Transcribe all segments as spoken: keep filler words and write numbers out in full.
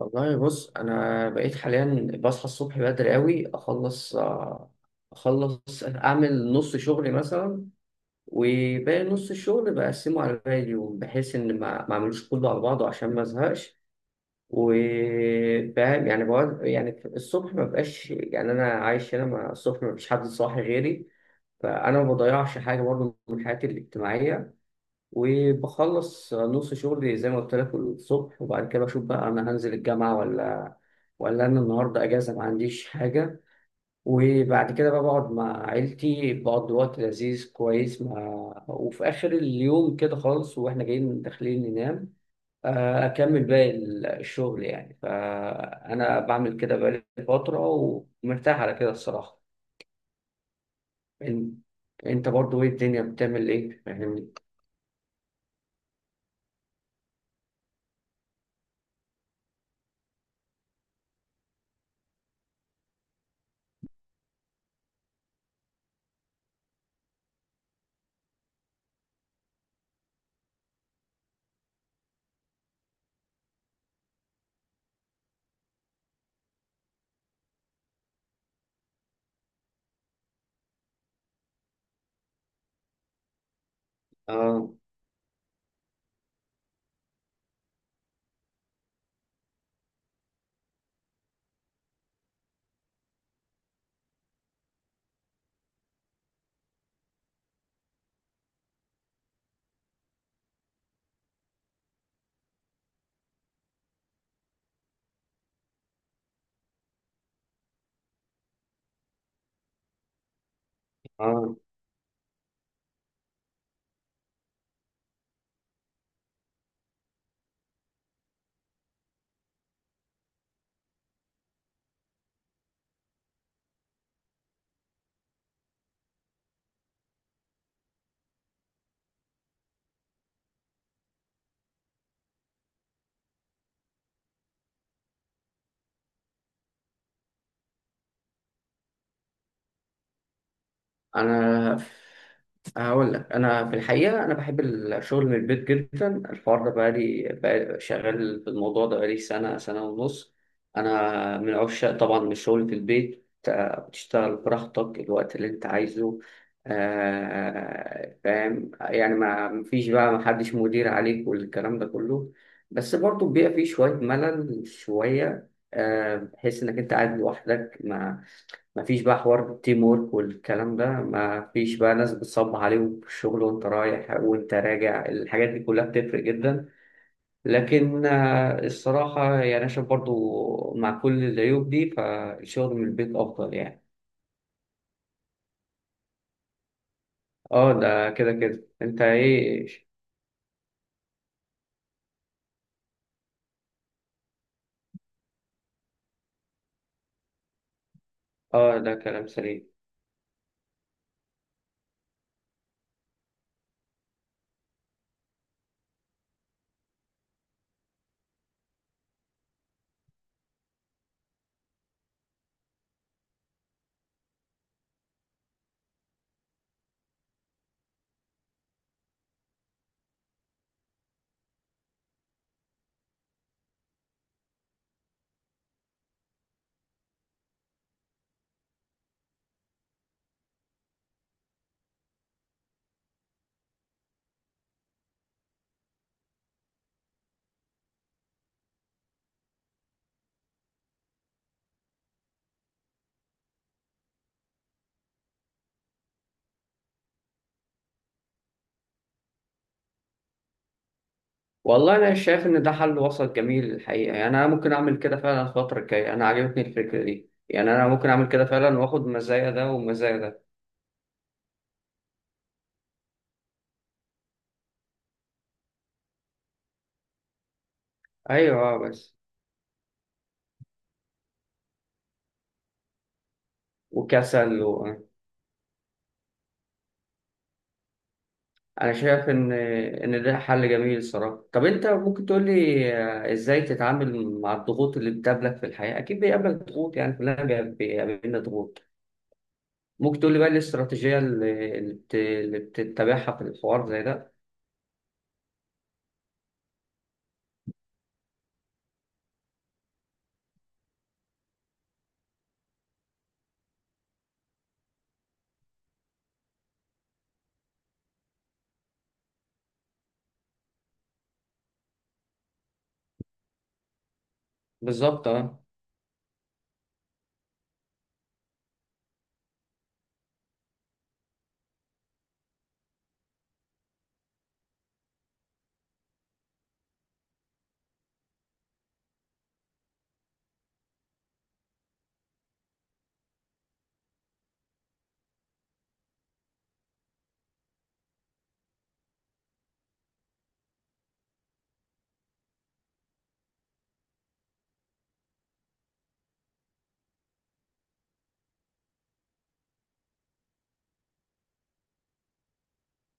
والله بص، انا بقيت حاليا بصحى الصبح بدري قوي. اخلص آه، اخلص اعمل نص شغلي مثلا، وباقي نص الشغل بقسمه على باقي اليوم، بحيث ان ما ما اعملوش كله على بعضه عشان ما ازهقش. وفاهم يعني، بقعد يعني الصبح، ما بقاش يعني انا عايش هنا، ما الصبح ما فيش حد صاحي غيري، فانا ما بضيعش حاجه برضه من حياتي الاجتماعيه. وبخلص نص شغلي زي ما قلت لك الصبح، وبعد كده بشوف بقى، انا هنزل الجامعة ولا ولا انا النهارده اجازة ما عنديش حاجة. وبعد كده بقى بقعد مع عيلتي، بقضي وقت لذيذ كويس مع، وفي اخر اليوم كده خالص واحنا جايين داخلين ننام، آه، اكمل باقي الشغل يعني. فانا بعمل كده بقالي فترة، ومرتاح على كده الصراحة. إن- انت برضو ايه؟ الدنيا بتعمل ايه؟ فاهمني. اه، اه. انا هقول لك، انا في الحقيقه انا بحب الشغل من البيت جدا. الحوار ده بقالي بقالي شغال في الموضوع ده بقالي سنه سنه ونص. انا من عشاق طبعا الشغل في البيت. آه، بتشتغل براحتك الوقت اللي انت عايزه. آه، فاهم يعني، ما ما فيش بقى، ما حدش مدير عليك والكلام ده كله. بس برضه بيبقى فيه شويه ملل، شويه آه، بحيث انك انت قاعد لوحدك، مفيش بقى حوار التيم وورك والكلام ده، مفيش بقى ناس بتصب عليهم في الشغل وانت رايح وانت راجع. الحاجات دي كلها بتفرق جدا. لكن آه، الصراحة يعني، أنا شايف برضو مع كل العيوب دي فالشغل من البيت أفضل يعني. اه، ده كده كده انت ايه. اه، ده كلام سليم. والله انا شايف ان ده حل وسط جميل الحقيقة يعني. انا ممكن اعمل كده فعلا الفترة الجاية، انا عجبتني الفكرة دي يعني. انا ممكن اعمل كده فعلا واخد مزايا ده ومزايا ده. ايوه، آه، بس. وكسل و، انا شايف ان ان ده حل جميل الصراحه. طب انت ممكن تقول لي آه، ازاي تتعامل مع الضغوط اللي بتقابلك في الحياه؟ اكيد بيقابلك ضغوط، يعني كلنا بي- بيقابلنا ضغوط. ممكن تقول لي بقى إيه الاستراتيجيه اللي اللي بت- اللي بتتبعها في الحوار زي ده؟ بالظبط، اه.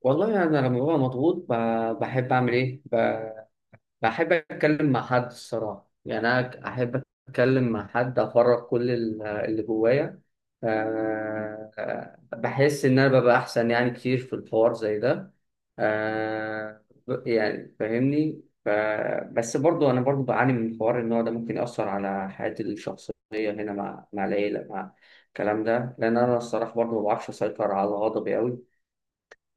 والله انا يعني لما ببقى مضغوط، ب- بحب اعمل ايه، بحب أتكلم مع حد الصراحة. يعني أنا أحب أتكلم مع حد، أفرغ كل ال- اللي جوايا. أه آه، بحس إن أنا ببقى أحسن، يعني كتير في الحوار زي ده. أه. ب- يعني فاهمني. ف- بس برضو أنا برضو بعاني من حوار إن هو ده ممكن يأثر على حياتي الشخصية هنا، مع مع العيلة، مع الكلام ده، لأن أنا الصراحة برضو ما بعرفش أسيطر على غضبي أوي.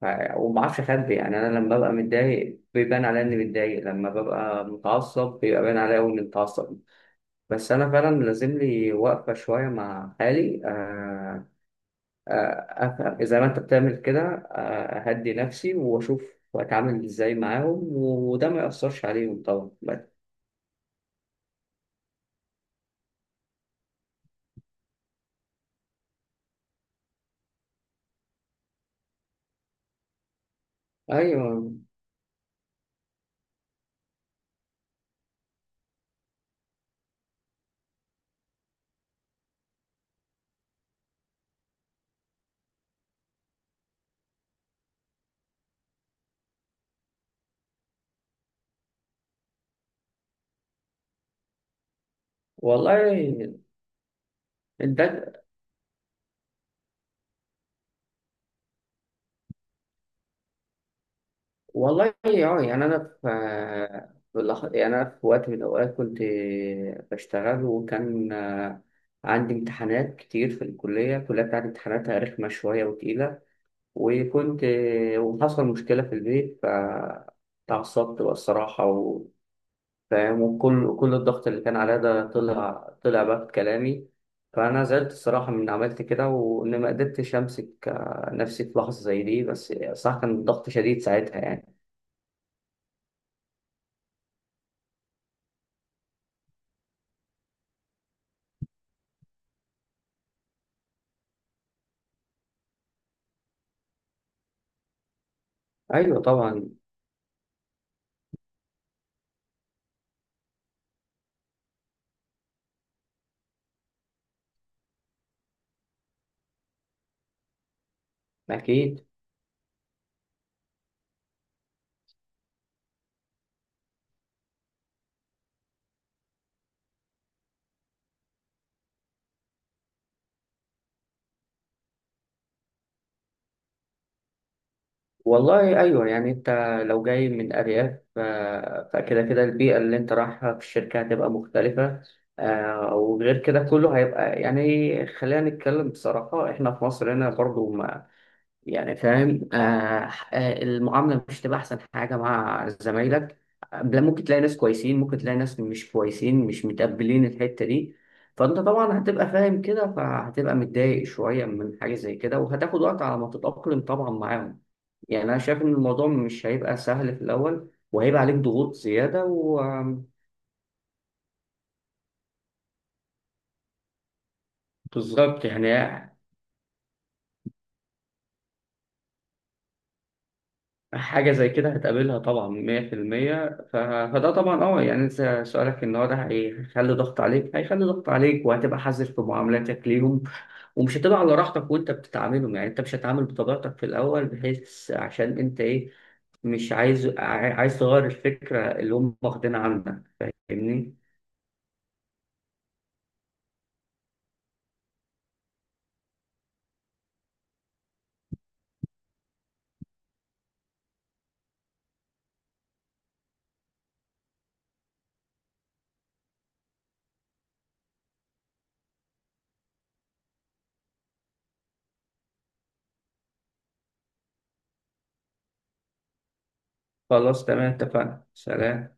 ف- وما اعرفش اخبي يعني، انا لما ببقى متضايق بيبان عليا اني متضايق، لما ببقى متعصب بيبقى باين عليا أوي اني متعصب. بس انا فعلا لازم لي وقفه شويه مع حالي، آه، آه، افهم زي ما انت بتعمل كده، آه، اهدي نفسي واشوف اتعامل ازاي معاهم، وده ما ياثرش عليهم طبعا بس. ايوه. والله. ده. والله، اه. يعني انا في في اللح- يعني انا في وقت من الاوقات كنت بشتغل، وكان آه، عندي امتحانات كتير في الكليه الكليه بتاعتي امتحاناتها رخمه شويه وتقيله. وكنت آه، وحصل مشكله في البيت فتعصبت بقى الصراحه و، فاهم، وكل كل الضغط اللي كان عليا ده طلع طلع بقى في كلامي. فانا زعلت الصراحه من إني عملت كده، وان ما قدرتش امسك آه، نفسي في لحظه زي دي، بس صح كان الضغط شديد ساعتها يعني. ايوه طبعا. اكيد. والله ايوه. يعني انت لو جاي من ارياف، آه، فكده كده البيئه اللي انت رايحها في الشركه هتبقى مختلفه. آه، وغير كده كله هيبقى، يعني خلينا نتكلم بصراحه، احنا في مصر هنا برضو. يعني فاهم. آه، آه، المعاملة مش تبقى أحسن حاجة مع زمايلك. لا، ممكن تلاقي ناس كويسين، ممكن تلاقي ناس مش كويسين، مش متقبلين الحتة دي. فأنت طبعا هتبقى فاهم كده، فهتبقى متضايق شوية من حاجة زي كده، وهتاخد وقت على ما تتأقلم طبعا معاهم. يعني أنا شايف إن الموضوع مش هيبقى سهل في الأول، وهيبقى عليك ضغوط زيادة و، بالظبط، يعني حاجة زي كده هتقابلها طبعا مية في المية. ف- فده طبعا اه، يعني انت سؤالك ان هو ده هيخلي ضغط عليك، هيخلي ضغط عليك، وهتبقى حذر في معاملاتك ليهم، ومش هتبقى على راحتك وانت بتتعاملهم، يعني انت مش هتتعامل بطبيعتك في الاول بحيث عشان انت ايه، مش عايز عاي- عايز تغير الفكرة اللي هم واخدينها عنك. فاهمني؟ خلاص تمام، اتفقنا. سلام.